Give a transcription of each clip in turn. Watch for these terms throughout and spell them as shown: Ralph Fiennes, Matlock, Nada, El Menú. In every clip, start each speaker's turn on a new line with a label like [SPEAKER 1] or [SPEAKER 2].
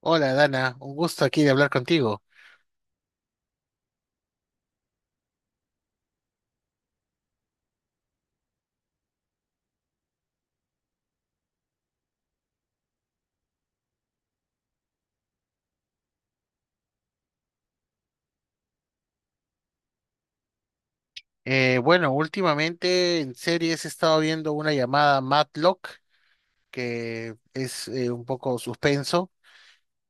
[SPEAKER 1] Hola Dana, un gusto aquí de hablar contigo. Bueno, Últimamente en series he estado viendo una llamada Matlock, que es un poco suspenso,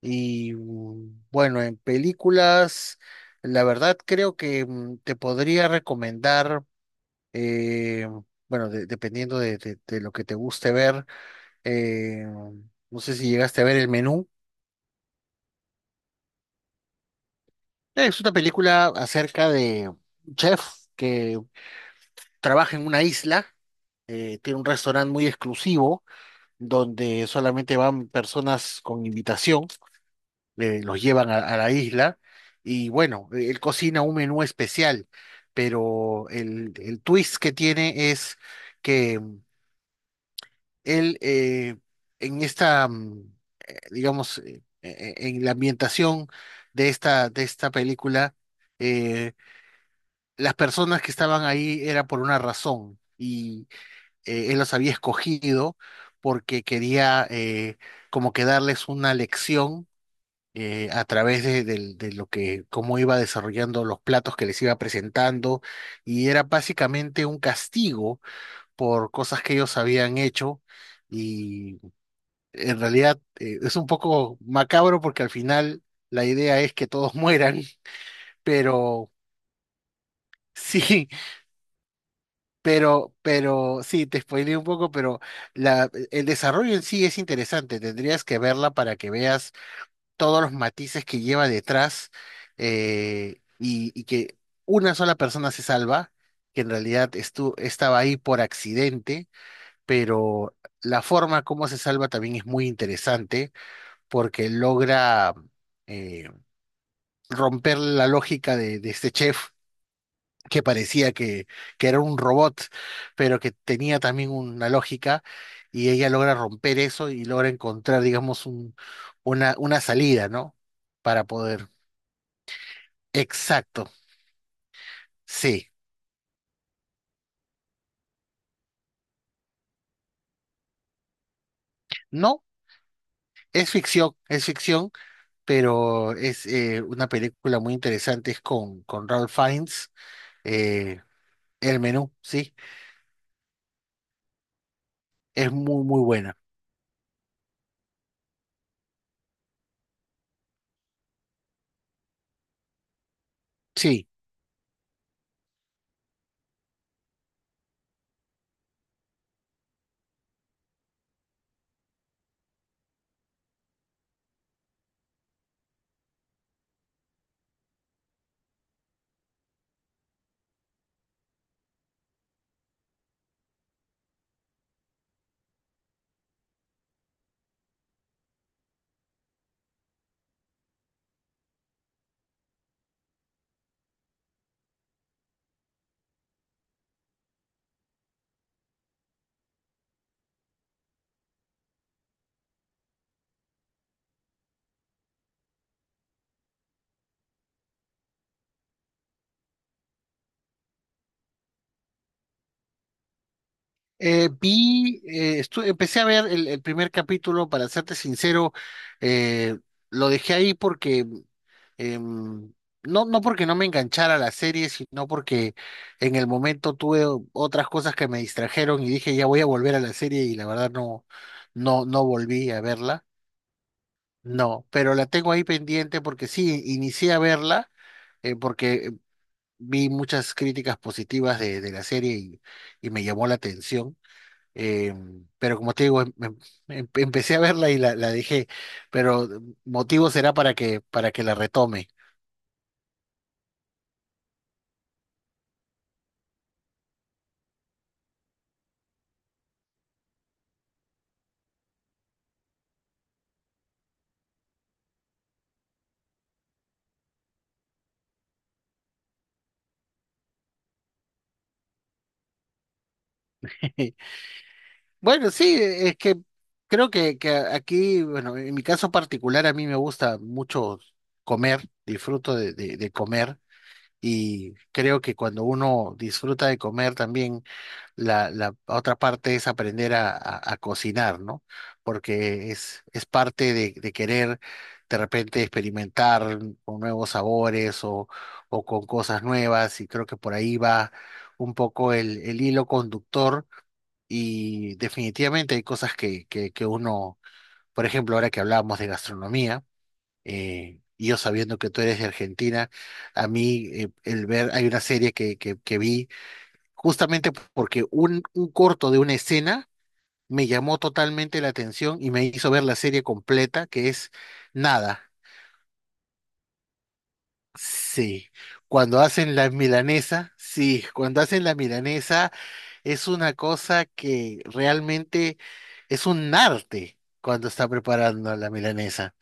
[SPEAKER 1] y bueno, en películas, la verdad creo que te podría recomendar, eh, dependiendo de, de lo que te guste ver. eh, no sé si llegaste a ver El Menú. Es una película acerca de un chef que trabaja en una isla. Tiene un restaurante muy exclusivo donde solamente van personas con invitación. Los llevan a la isla y bueno, él cocina un menú especial, pero el twist que tiene es que él en esta, mm, digamos, en la ambientación de esta película, eh, las personas que estaban ahí era por una razón. Él los había escogido porque quería, como que darles una lección a través de, de lo que, cómo iba desarrollando los platos que les iba presentando, y era básicamente un castigo por cosas que ellos habían hecho, y en realidad es un poco macabro porque al final la idea es que todos mueran, pero sí. Pero, sí, te spoileé un poco, pero la, el desarrollo en sí es interesante. Tendrías que verla para que veas todos los matices que lleva detrás, y que una sola persona se salva, que en realidad estaba ahí por accidente, pero la forma como se salva también es muy interesante porque logra, eh, romper la lógica de este chef que parecía que era un robot, pero que tenía también una lógica, y ella logra romper eso y logra encontrar, digamos, un, una salida, ¿no? Para poder. Exacto, sí. No, es ficción, pero es una película muy interesante, es con Ralph Fiennes. eh, El Menú, sí, es muy, muy buena. Sí. Vi, empecé a ver el primer capítulo, para serte sincero. eh, lo dejé ahí porque, em, no, no porque no me enganchara a la serie, sino porque en el momento tuve otras cosas que me distrajeron y dije, ya voy a volver a la serie y la verdad no, no volví a verla. No, pero la tengo ahí pendiente porque sí, inicié a verla, porque vi muchas críticas positivas de la serie y me llamó la atención. Eh, pero como te digo, empecé a verla y la dejé, pero motivo será para que la retome. Bueno, sí, e, es que creo que aquí, bueno, en mi caso particular, a mí me gusta mucho comer, disfruto de, de comer y creo que cuando uno disfruta de comer también la otra parte es aprender a, a cocinar, ¿no? Porque es parte de querer de repente experimentar con nuevos sabores o con cosas nuevas y creo que por ahí va un poco el hilo conductor y definitivamente hay cosas que uno, por ejemplo, ahora que hablábamos de gastronomía, y yo sabiendo que tú eres de Argentina, a mí el ver, hay una serie que vi justamente porque un corto de una escena me llamó totalmente la atención y me hizo ver la serie completa, que es Nada. Sí, cuando hacen la milanesa, sí, cuando hacen la milanesa es una cosa que realmente es un arte cuando está preparando la milanesa.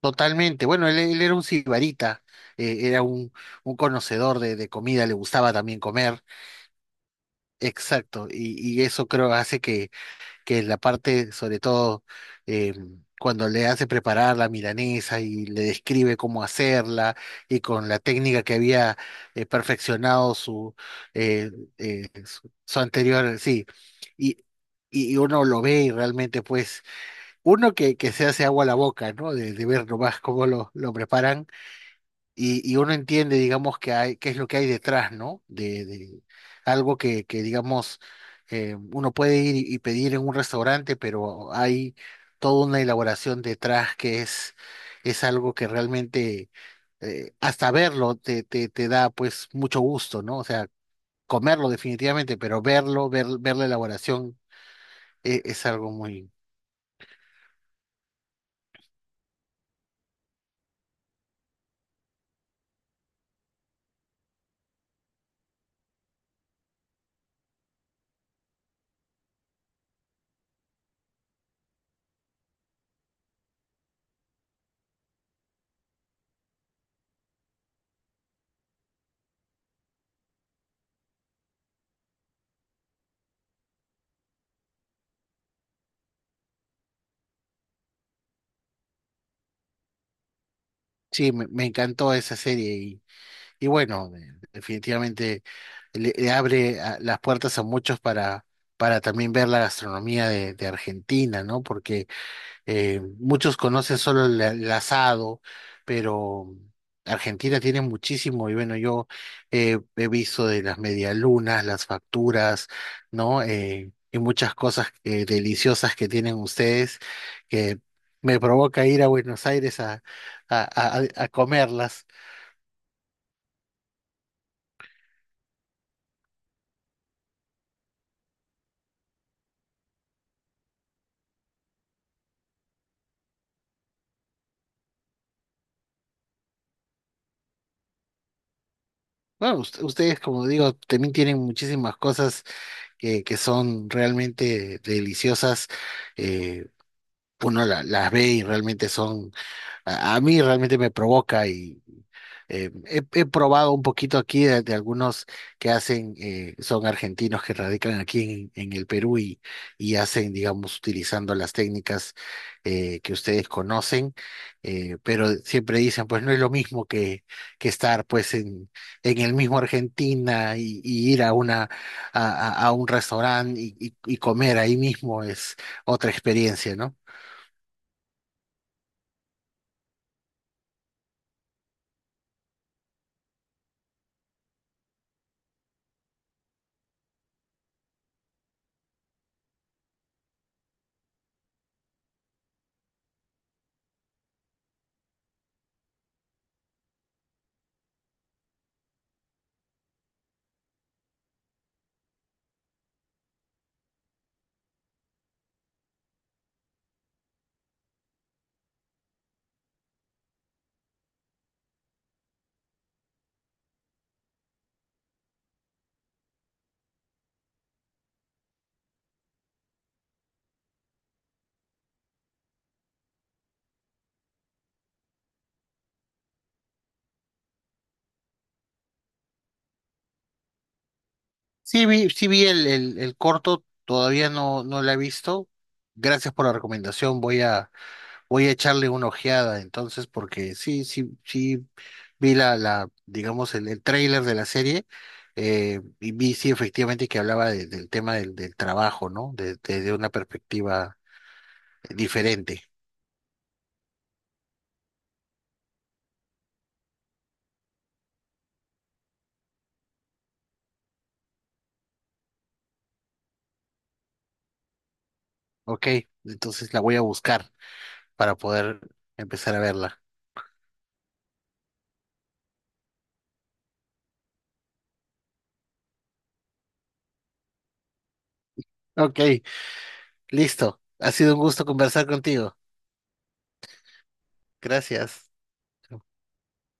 [SPEAKER 1] Totalmente. Bueno, él era un sibarita. Era un conocedor de comida, le gustaba también comer. Exacto. Y eso creo hace que es la parte, sobre todo, eh, cuando le hace preparar la milanesa y le describe cómo hacerla y con la técnica que había, perfeccionado su, eh, su, su anterior, sí. Y, y uno lo ve y realmente, pues, uno que se hace agua a la boca, ¿no? De ver nomás cómo lo preparan y uno entiende, digamos, que hay, qué es lo que hay detrás, ¿no? De algo que digamos, uno puede ir y pedir en un restaurante, pero hay toda una elaboración detrás que es algo que realmente, hasta verlo te, te, te da pues mucho gusto, ¿no? O sea, comerlo definitivamente, pero verlo, ver, ver la elaboración, es, algo muy... Sí, me encantó esa serie y bueno, definitivamente... le abre las puertas a muchos para también ver la gastronomía de Argentina, ¿no? Porque muchos conocen solo el asado, pero Argentina tiene muchísimo, y bueno, yo he visto de las medialunas, las facturas, ¿no? Y muchas cosas deliciosas que tienen ustedes que me provoca ir a Buenos Aires a comerlas. Bueno, ustedes, como digo, también tienen muchísimas cosas que son realmente deliciosas. eh, Uno las ve y realmente son, a mí realmente me provoca y, he, he probado un poquito aquí de algunos que hacen, son argentinos que radican aquí en el Perú y hacen, digamos, utilizando las técnicas que ustedes conocen. Pero siempre dicen, pues no es lo mismo que estar pues en el mismo Argentina y ir a una, a, a un restaurante y comer ahí mismo es otra experiencia, ¿no? Sí vi el corto, todavía no, no lo he visto. Gracias por la recomendación, voy a, voy a echarle una ojeada entonces, porque sí, sí, sí vi la, la, digamos, el tráiler de la serie, y vi sí efectivamente que hablaba del tema del, del trabajo, ¿no? De, de una perspectiva diferente. Ok, entonces la voy a buscar para poder empezar a verla. Ok, listo. Ha sido un gusto conversar contigo. Gracias.